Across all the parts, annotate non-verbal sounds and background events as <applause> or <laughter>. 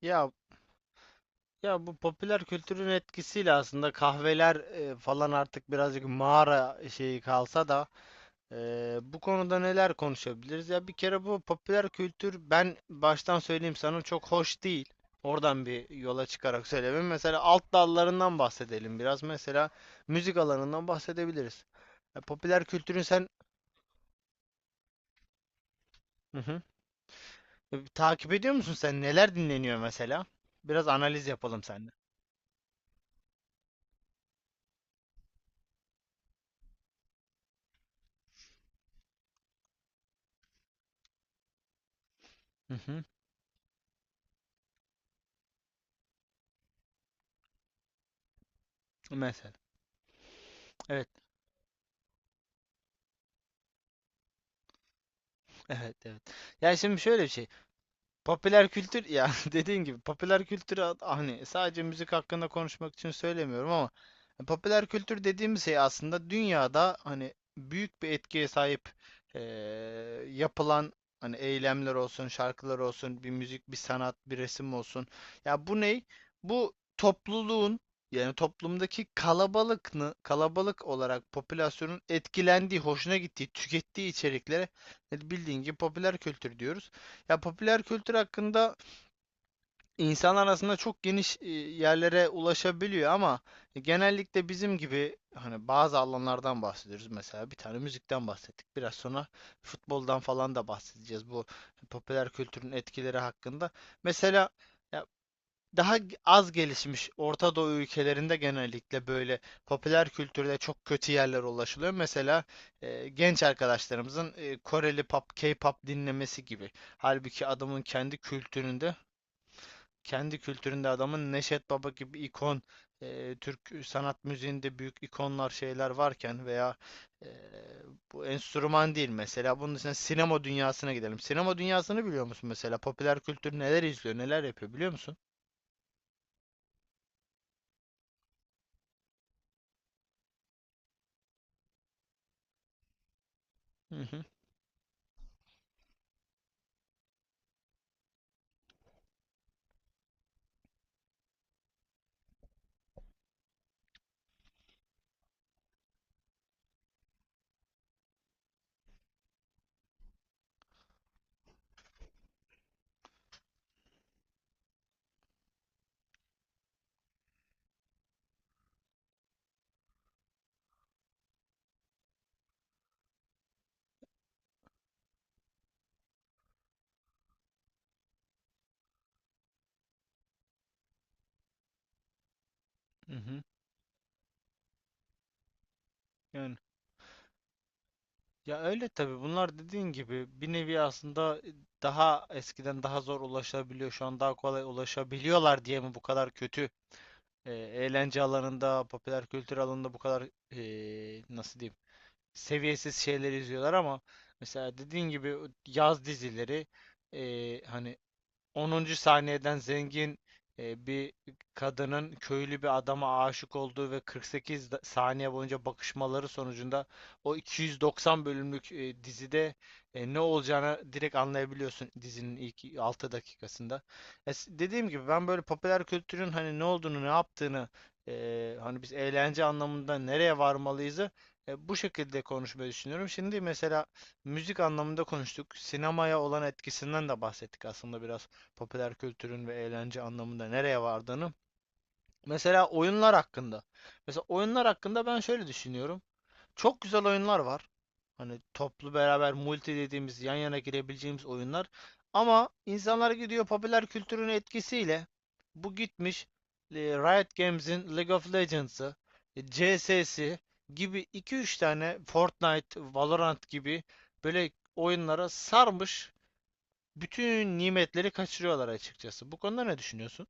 Ya ya bu popüler kültürün etkisiyle aslında kahveler falan artık birazcık mağara şeyi kalsa da bu konuda neler konuşabiliriz? Ya bir kere bu popüler kültür ben baştan söyleyeyim sana çok hoş değil. Oradan bir yola çıkarak söylemem. Mesela alt dallarından bahsedelim biraz. Mesela müzik alanından bahsedebiliriz. Popüler kültürün sen. Hı hı. Takip ediyor musun sen? Neler dinleniyor mesela? Biraz analiz yapalım seninle. Hı hı. Mesela. Evet. Evet, evet. Ya şimdi şöyle bir şey. Popüler kültür, ya, <laughs> dediğin gibi popüler kültür hani sadece müzik hakkında konuşmak için söylemiyorum ama popüler kültür dediğimiz şey aslında dünyada hani büyük bir etkiye sahip eee, yapılan hani eylemler olsun, şarkılar olsun, bir müzik, bir sanat, bir resim olsun. Ya bu ney? Bu topluluğun yani toplumdaki kalabalık kalabalık olarak popülasyonun etkilendiği, hoşuna gittiği, tükettiği içeriklere bildiğin gibi popüler kültür diyoruz. Ya popüler kültür hakkında insan arasında çok geniş yerlere ulaşabiliyor ama genellikle bizim gibi hani bazı alanlardan bahsediyoruz. Mesela bir tane müzikten bahsettik. Biraz sonra futboldan falan da bahsedeceğiz bu popüler kültürün etkileri hakkında. Mesela, ya, daha az gelişmiş Orta Doğu ülkelerinde genellikle böyle popüler kültürde çok kötü yerlere ulaşılıyor. Mesela genç arkadaşlarımızın Koreli pop, K-pop dinlemesi gibi. Halbuki adamın kendi kültüründe, kendi kültüründe adamın Neşet Baba gibi ikon, Türk sanat müziğinde büyük ikonlar şeyler varken veya e, bu enstrüman değil mesela. Bunun için sinema dünyasına gidelim. Sinema dünyasını biliyor musun mesela? Popüler kültür neler izliyor, neler yapıyor biliyor musun? Hı hı. Hı hı. Yani, ya, öyle tabii bunlar dediğin gibi bir nevi aslında daha eskiden daha zor ulaşabiliyor şu an daha kolay ulaşabiliyorlar diye mi bu kadar kötü eğlence alanında popüler kültür alanında bu kadar nasıl diyeyim seviyesiz şeyler izliyorlar ama mesela dediğin gibi o yaz dizileri hani 10. saniyeden zengin bir kadının köylü bir adama aşık olduğu ve 48 saniye boyunca bakışmaları sonucunda o 290 bölümlük dizide ne olacağını direkt anlayabiliyorsun dizinin ilk 6 dakikasında. Dediğim gibi ben böyle popüler kültürün hani ne olduğunu, ne yaptığını, hani biz eğlence anlamında nereye varmalıyızı bu şekilde konuşmayı düşünüyorum. Şimdi mesela müzik anlamında konuştuk. Sinemaya olan etkisinden de bahsettik aslında biraz popüler kültürün ve eğlence anlamında nereye vardığını. Mesela oyunlar hakkında. Mesela oyunlar hakkında ben şöyle düşünüyorum. Çok güzel oyunlar var. Hani toplu beraber multi dediğimiz yan yana girebileceğimiz oyunlar. Ama insanlar gidiyor popüler kültürün etkisiyle bu gitmiş Riot Games'in League of Legends'ı, CS'si gibi iki üç tane Fortnite, Valorant gibi böyle oyunlara sarmış bütün nimetleri kaçırıyorlar açıkçası. Bu konuda ne düşünüyorsun?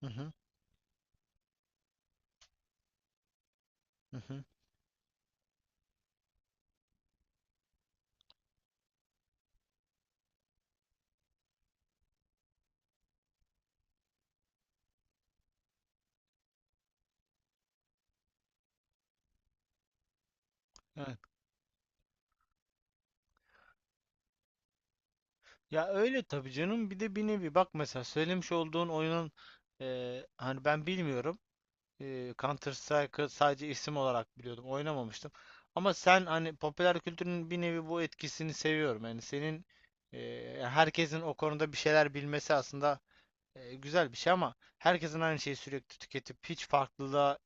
Hı hı, hı hı. Evet. Ya öyle tabii canım. Bir de bir nevi bak mesela söylemiş olduğun oyunun hani ben bilmiyorum. Counter Strike'ı sadece isim olarak biliyordum. Oynamamıştım. Ama sen hani popüler kültürün bir nevi bu etkisini seviyorum. Yani senin herkesin o konuda bir şeyler bilmesi aslında güzel bir şey ama herkesin aynı şeyi sürekli tüketip hiç farklılığa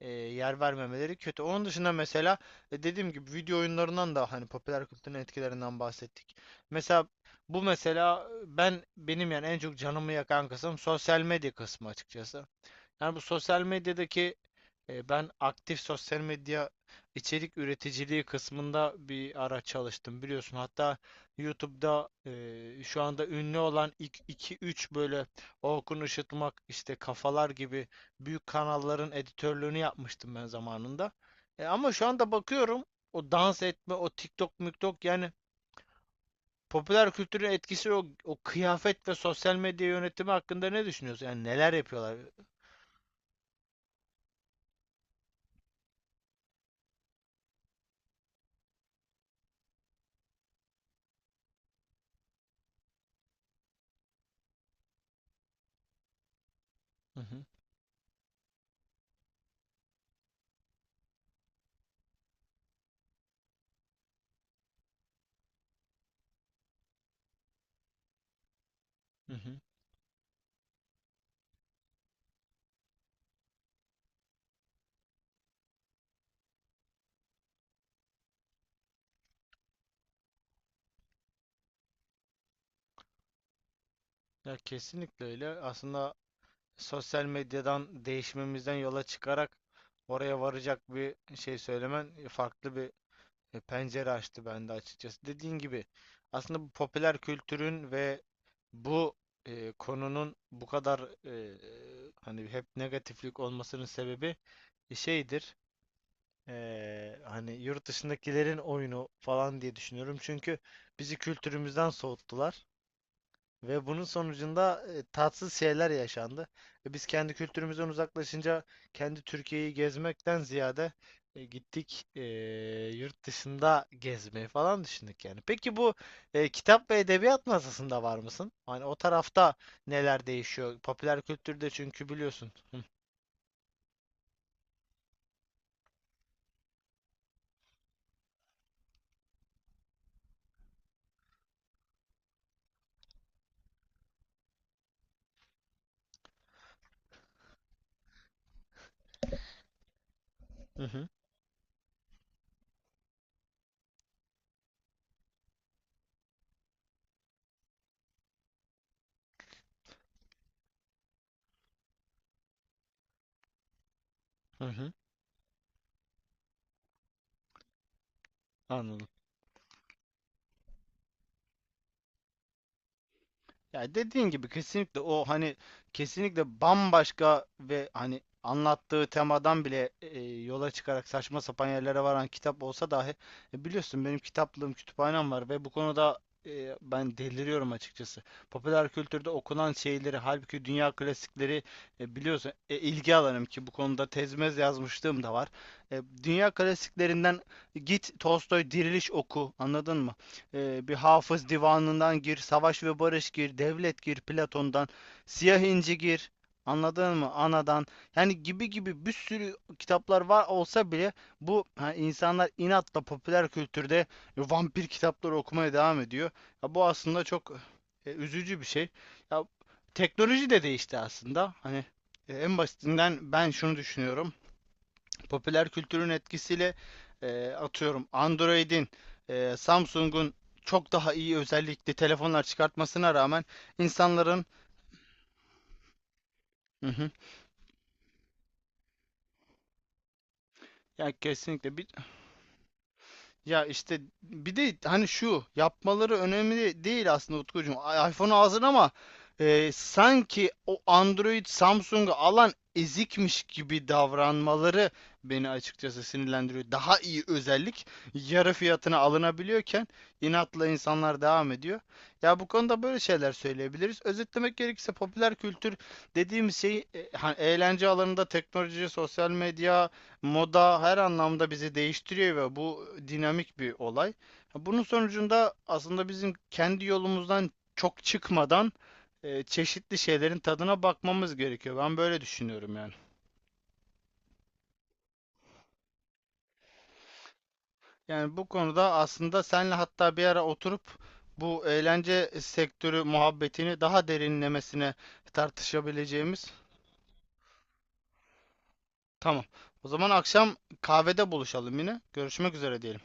yer vermemeleri kötü. Onun dışında mesela dediğim gibi video oyunlarından da hani popüler kültürün etkilerinden bahsettik. Mesela bu mesela ben benim yani en çok canımı yakan kısım sosyal medya kısmı açıkçası. Yani bu sosyal medyadaki ben aktif sosyal medya içerik üreticiliği kısmında bir ara çalıştım biliyorsun. Hatta YouTube'da şu anda ünlü olan iki üç böyle Orkun Işıtmak işte Kafalar gibi büyük kanalların editörlüğünü yapmıştım ben zamanında. Ama şu anda bakıyorum o dans etme, o TikTok, miktok yani popüler kültürün etkisi o kıyafet ve sosyal medya yönetimi hakkında ne düşünüyorsun? Yani neler yapıyorlar? Hı hı, hı hı. Ya kesinlikle öyle. Aslında sosyal medyadan değişmemizden yola çıkarak oraya varacak bir şey söylemen farklı bir pencere açtı bende açıkçası. Dediğin gibi aslında bu popüler kültürün ve bu konunun bu kadar hani hep negatiflik olmasının sebebi şeydir. Hani yurt dışındakilerin oyunu falan diye düşünüyorum. Çünkü bizi kültürümüzden soğuttular. Ve bunun sonucunda tatsız şeyler yaşandı. Ve biz kendi kültürümüzden uzaklaşınca kendi Türkiye'yi gezmekten ziyade gittik yurt dışında gezmeyi falan düşündük yani. Peki bu kitap ve edebiyat masasında var mısın? Hani o tarafta neler değişiyor? Popüler kültürde çünkü biliyorsun. Hı hı hı. Hı. Anladım. Ya dediğin gibi kesinlikle o hani kesinlikle bambaşka ve hani anlattığı temadan bile yola çıkarak saçma sapan yerlere varan kitap olsa dahi biliyorsun benim kitaplığım, kütüphanem var ve bu konuda ben deliriyorum açıkçası. Popüler kültürde okunan şeyleri halbuki dünya klasikleri biliyorsun ilgi alanım ki bu konuda tezmez yazmışlığım da var. Dünya klasiklerinden git Tolstoy Diriliş oku, anladın mı? Bir Hafız Divanı'ndan gir, Savaş ve Barış gir, Devlet gir, Platon'dan, Siyah İnci gir. Anladın mı? Anadan. Yani gibi gibi bir sürü kitaplar var olsa bile bu insanlar inatla popüler kültürde vampir kitapları okumaya devam ediyor. Ya bu aslında çok üzücü bir şey. Ya teknoloji de değişti aslında. Hani en basitinden ben şunu düşünüyorum popüler kültürün etkisiyle atıyorum Android'in, Samsung'un çok daha iyi özellikli telefonlar çıkartmasına rağmen insanların. Hı hı. Ya kesinlikle bir. Ya işte bir de hani şu yapmaları önemli değil aslında Utkucuğum. iPhone alsın ama sanki o Android Samsung'u alan ezikmiş gibi davranmaları beni açıkçası sinirlendiriyor. Daha iyi özellik yarı fiyatına alınabiliyorken inatla insanlar devam ediyor. Ya bu konuda böyle şeyler söyleyebiliriz. Özetlemek gerekirse popüler kültür dediğimiz şey hani eğlence alanında teknoloji, sosyal medya, moda her anlamda bizi değiştiriyor ve bu dinamik bir olay. Bunun sonucunda aslında bizim kendi yolumuzdan çok çıkmadan çeşitli şeylerin tadına bakmamız gerekiyor. Ben böyle düşünüyorum yani. Yani bu konuda aslında senle hatta bir ara oturup bu eğlence sektörü muhabbetini daha derinlemesine tartışabileceğimiz. Tamam. O zaman akşam kahvede buluşalım yine. Görüşmek üzere diyelim.